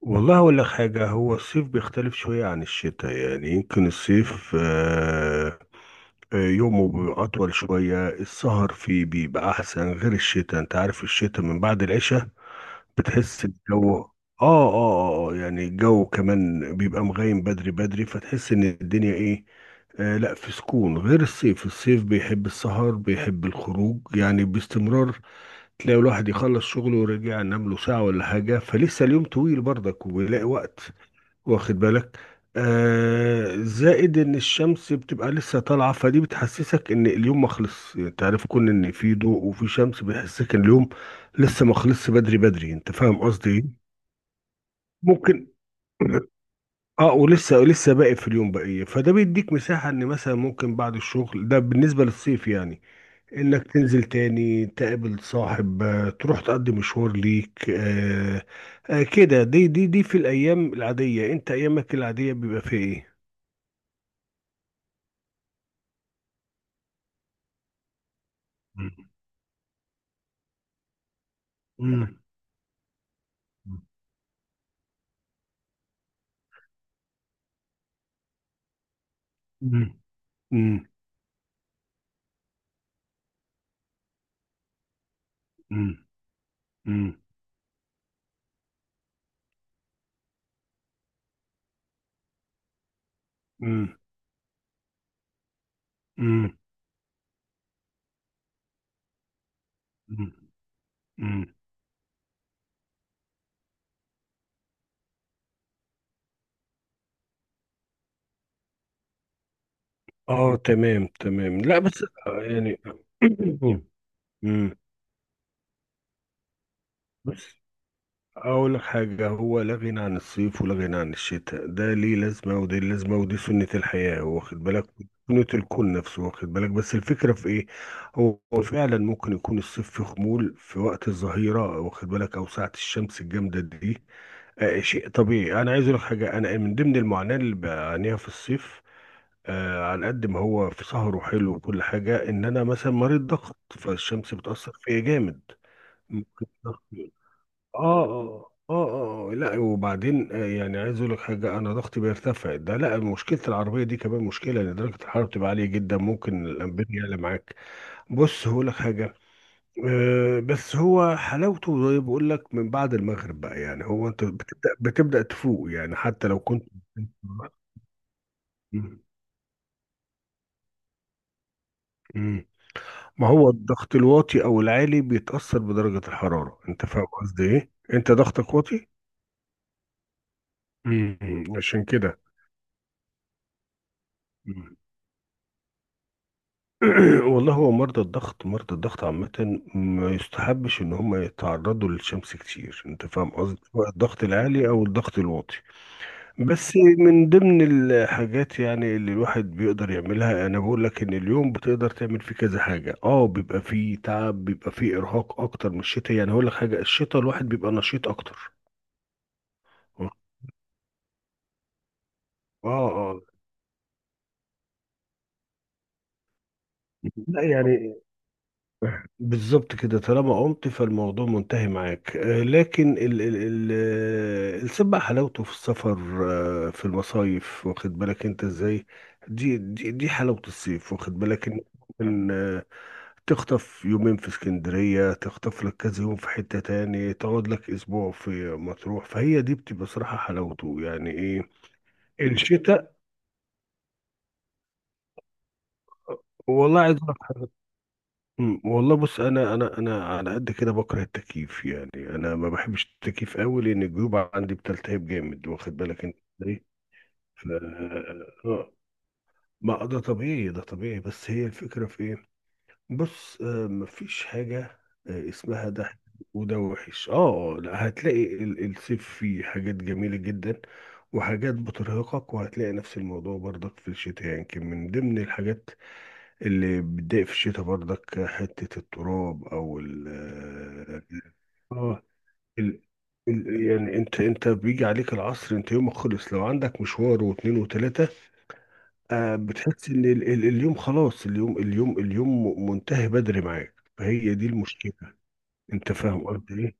والله أقول لك حاجة. هو الصيف بيختلف شوية عن الشتاء، يعني يمكن الصيف يومه بيبقى أطول شوية. السهر فيه بيبقى أحسن غير الشتاء. أنت عارف الشتاء من بعد العشاء بتحس الجو يعني الجو كمان بيبقى مغيم بدري بدري، فتحس إن الدنيا إيه. آه لا، في سكون. غير الصيف، الصيف بيحب السهر، بيحب الخروج يعني باستمرار. تلاقي الواحد يخلص شغله ورجع نام له ساعة ولا حاجة، فلسه اليوم طويل برضك وبيلاقي وقت، واخد بالك؟ آه، زائد ان الشمس بتبقى لسه طالعه، فدي بتحسسك ان اليوم ما خلص يعني، تعرف كون ان في ضوء وفي شمس بيحسسك ان اليوم لسه ما خلصش بدري بدري، انت فاهم قصدي ايه؟ ممكن. اه ولسه لسه باقي في اليوم بقيه، فده بيديك مساحه ان مثلا ممكن بعد الشغل ده بالنسبه للصيف يعني انك تنزل تاني تقابل صاحب تروح تقضي مشوار ليك. كده. دي في الايام العاديه، انت ايامك العاديه بيبقى فيها ايه؟ مم. مم. مم. مم. مم. مم. مم. مم. اه تمام تمام، لا بس يعني. مم. بس اقول لك حاجه، هو لا غنى عن الصيف ولا غنى عن الشتاء. ده ليه لازمه ودي لازمه، ودي سنه الحياه، واخد بالك؟ سنه الكون نفسه، واخد بالك؟ بس الفكره في ايه، هو فعلا ممكن يكون الصيف في خمول في وقت الظهيره، واخد بالك؟ او ساعه الشمس الجامده دي. شيء طبيعي. انا عايز اقول لك حاجه، انا من ضمن المعاناه اللي بعانيها في الصيف، على قد ما هو في سهر وحلو وكل حاجه، ان انا مثلا مريض ضغط، فالشمس بتاثر فيا جامد. ممكن ضغط- اه اه اه اه، لا وبعدين يعني عايز اقول لك حاجه، انا ضغطي بيرتفع ده، لا مشكله. العربيه دي كمان مشكله، لان درجه الحراره بتبقى عاليه جدا، ممكن الانبياء يعلى معاك. بص هقول لك حاجه، بس هو حلاوته، زي بقول لك، من بعد المغرب بقى يعني، هو انت بتبدا تفوق يعني، حتى لو كنت. مم. مم. ما هو الضغط الواطي او العالي بيتاثر بدرجه الحراره، انت فاهم قصدي ايه؟ انت ضغطك واطي. مم. عشان كده. مم. والله هو مرضى الضغط، مرضى الضغط عامة ما يستحبش ان هم يتعرضوا للشمس كتير، انت فاهم قصدي، سواء الضغط العالي او الضغط الواطي. بس من ضمن الحاجات يعني اللي الواحد بيقدر يعملها، انا بقول لك ان اليوم بتقدر تعمل فيه كذا حاجه، اه بيبقى فيه تعب، بيبقى فيه ارهاق اكتر من الشتاء يعني. هقول لك حاجه، الشتاء الواحد بيبقى نشيط اكتر. اه اه. لا يعني. بالظبط كده، طالما قمت فالموضوع منتهي معاك. آه، لكن ال ال ال آه، الصيد بقى حلاوته في السفر، في المصايف، واخد بالك انت ازاي؟ دي حلاوة الصيف، واخد بالك ان إن، تخطف يومين في اسكندرية، تخطف لك كذا يوم في حتة تاني، تقعد لك أسبوع في مطروح. فهي دي بتبقى صراحة حلاوته يعني إيه. الشتاء، والله عايز أقول لك حاجة، والله بص، أنا على قد كده بكره التكييف يعني، أنا ما بحبش التكييف أوي، لأن الجيوب عندي بتلتهب جامد، واخد بالك أنت إزاي؟ ف آه، ما ده طبيعي، ده طبيعي. بس هي الفكرة في إيه، بص مفيش حاجة اسمها ده حلو وده وحش. اه لا، هتلاقي الصيف فيه حاجات جميلة جدا وحاجات بترهقك، وهتلاقي نفس الموضوع برضك في الشتاء يعني. يمكن من ضمن الحاجات اللي بتضايق في الشتاء برضك حتة التراب او ال اه آه، ال ال- يعني انت بيجي عليك العصر، انت يومك خلص لو عندك مشوار واتنين وتلاتة. بتحس ان اليوم خلاص، اليوم منتهي بدري معاك، فهي دي المشكله، انت فاهم قصدي ايه؟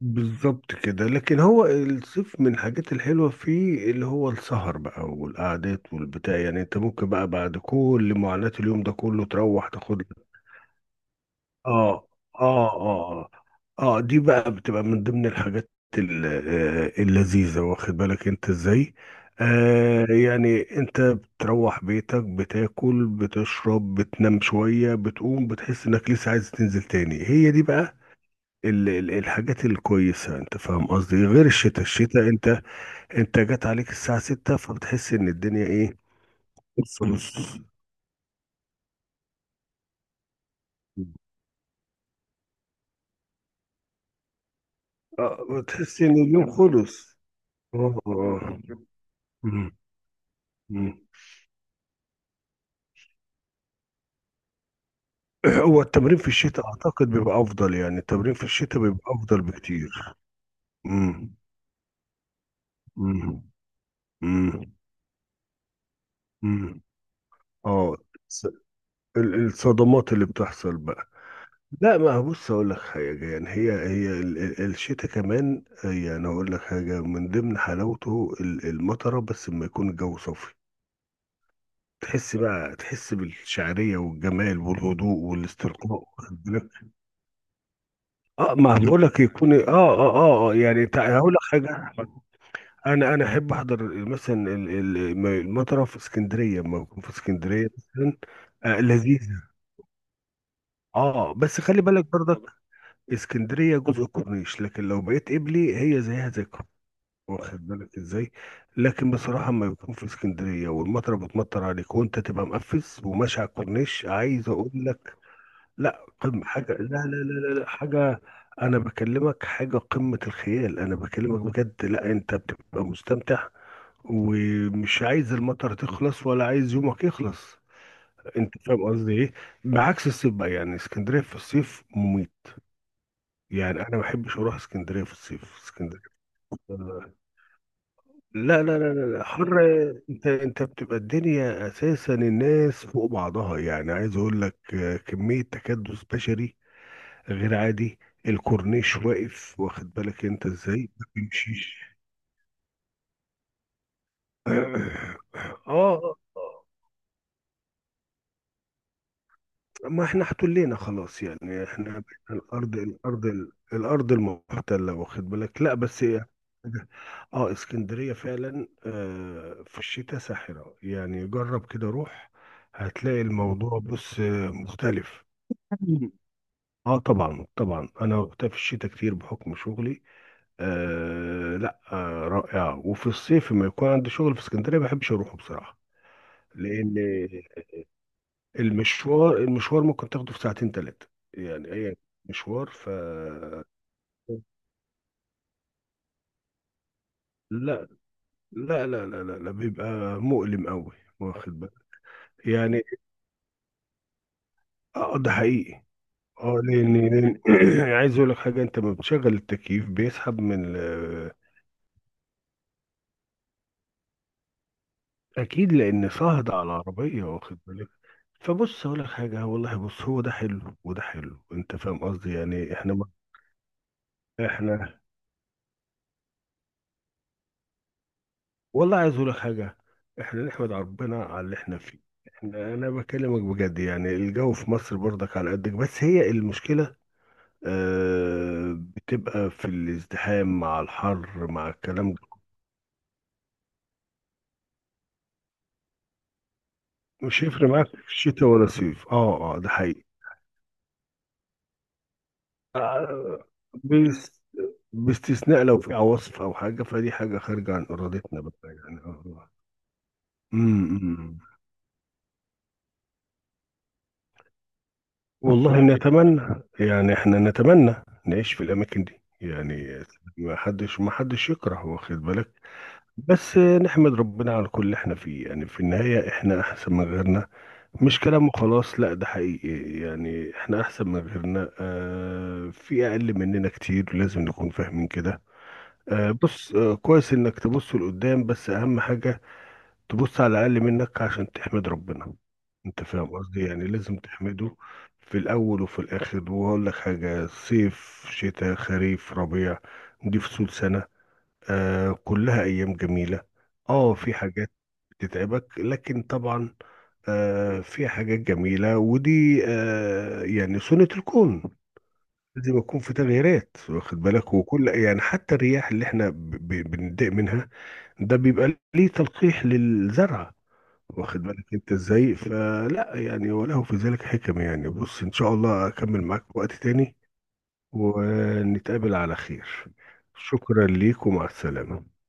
بالظبط كده. لكن هو الصيف من الحاجات الحلوه فيه اللي هو السهر بقى والقعدات والبتاع يعني، انت ممكن بقى بعد كل معاناه اليوم ده كله تروح تاخد. اه اه اه اه دي بقى بتبقى من ضمن الحاجات اللذيذة، واخد بالك انت ازاي؟ يعني انت بتروح بيتك، بتاكل بتشرب، بتنام شوية، بتقوم بتحس انك لسه عايز تنزل تاني. هي دي بقى الحاجات الكويسة، انت فاهم قصدي؟ غير الشتاء، الشتاء انت، انت جات عليك الساعة ستة فبتحس ان الدنيا ايه. نص نص. اه بتحس ان اليوم خلص. اه آه. آه. مم. مم. هو التمرين في الشتاء اعتقد بيبقى افضل، يعني التمرين في الشتاء بيبقى افضل بكتير. امم امم امم امم اه الص- الصدمات اللي بتحصل بقى. لا ما بص اقول لك حاجه يعني، هي الشتاء كمان يعني، اقول لك حاجه، من ضمن حلاوته المطره، بس لما يكون الجو صافي تحس بقى، تحس بالشعريه والجمال والهدوء والاسترخاء، واخد بالك؟ اه ما بقول لك يكون اه اه اه يعني هقول لك حاجه، انا احب احضر مثلا المطره في اسكندريه لما بكون في اسكندريه مثلا. آه لذيذه. اه بس خلي بالك برضك، اسكندريه جزء الكورنيش، لكن لو بقيت قبلي هي زيها زي الكورنيش، واخد بالك ازاي؟ لكن بصراحه لما بكون في اسكندريه والمطره بتمطر عليك وانت تبقى مقفز وماشي على الكورنيش، عايز اقول لك، لا قمه حاجه، لا لا لا لا, لا حاجه. انا بكلمك حاجه، قمه الخيال انا بكلمك بجد. لا انت بتبقى مستمتع، ومش عايز المطر تخلص ولا عايز يومك يخلص، انت فاهم قصدي ايه؟ بعكس الصيف بقى، يعني اسكندريه في الصيف مميت يعني، انا ما بحبش اروح اسكندريه في الصيف. اسكندريه، لا لا لا لا لا، حر. انت بتبقى الدنيا اساسا الناس فوق بعضها، يعني عايز اقول لك كميه تكدس بشري غير عادي. الكورنيش واقف، واخد بالك انت ازاي؟ ما بيمشيش. اه ما احنا احتلينا خلاص يعني، احنا بقينا الارض الارض المحتله، واخد بالك. لا بس اه اسكندريه فعلا في الشتاء ساحره يعني، جرب كده روح هتلاقي الموضوع. بص مختلف. اه طبعا طبعا، انا وقتها في الشتاء كتير بحكم شغلي. آه لا، رائعه. وفي الصيف لما يكون عندي شغل في اسكندريه ما بحبش اروحه بصراحه، لان المشوار ممكن تاخده في ساعتين ثلاثة يعني، أي مشوار. لا لا لا لا لا, لا بيبقى مؤلم قوي، واخد بالك يعني. اه ده حقيقي. اه لان عايز اقول لك حاجه، انت لما بتشغل التكييف بيسحب من اكيد، لان صهد على العربيه، واخد بالك. فبص اقول لك حاجه، والله بص هو ده حلو وده حلو، انت فاهم قصدي يعني. احنا والله عايز اقول لك حاجه، احنا نحمد ربنا على اللي احنا فيه. احنا انا بكلمك بجد يعني، الجو في مصر برضك على قدك، بس هي المشكله آه، بتبقى في الازدحام مع الحر مع الكلام ده. مش هيفرق معاك شتاء ولا صيف، اه اه ده حقيقي. آه بس باستثناء لو في عواصف او حاجه، فدي حاجه خارجه عن ارادتنا بقى يعني، اه آه. أمم، أمم. امم. والله نتمنى يعني، احنا نتمنى نعيش في الاماكن دي يعني. ما حدش يكره، واخد بالك. بس نحمد ربنا على كل اللي احنا فيه، يعني في النهاية احنا احسن من غيرنا، مش كلام وخلاص لا، ده حقيقي. يعني احنا احسن من غيرنا، اه في اقل مننا كتير، لازم نكون فاهمين كده. بص كويس انك تبص لقدام، بس اهم حاجة تبص على الاقل منك عشان تحمد ربنا، انت فاهم قصدي يعني، لازم تحمده في الاول وفي الاخر. وهقول لك حاجه، صيف شتاء خريف ربيع، دي فصول سنه، آه كلها ايام جميله. اه في حاجات بتتعبك، لكن طبعا آه في حاجات جميله، ودي آه يعني سنه الكون، لازم يكون في تغييرات، واخد بالك. وكل يعني، حتى الرياح اللي احنا بنضايق منها، ده بيبقى ليه تلقيح للزرع، واخد بالك انت ازاي؟ فلا يعني، وله في ذلك حكم يعني. بص ان شاء الله اكمل معاك في وقت تاني، ونتقابل على خير. شكرا ليك، ومع السلامة.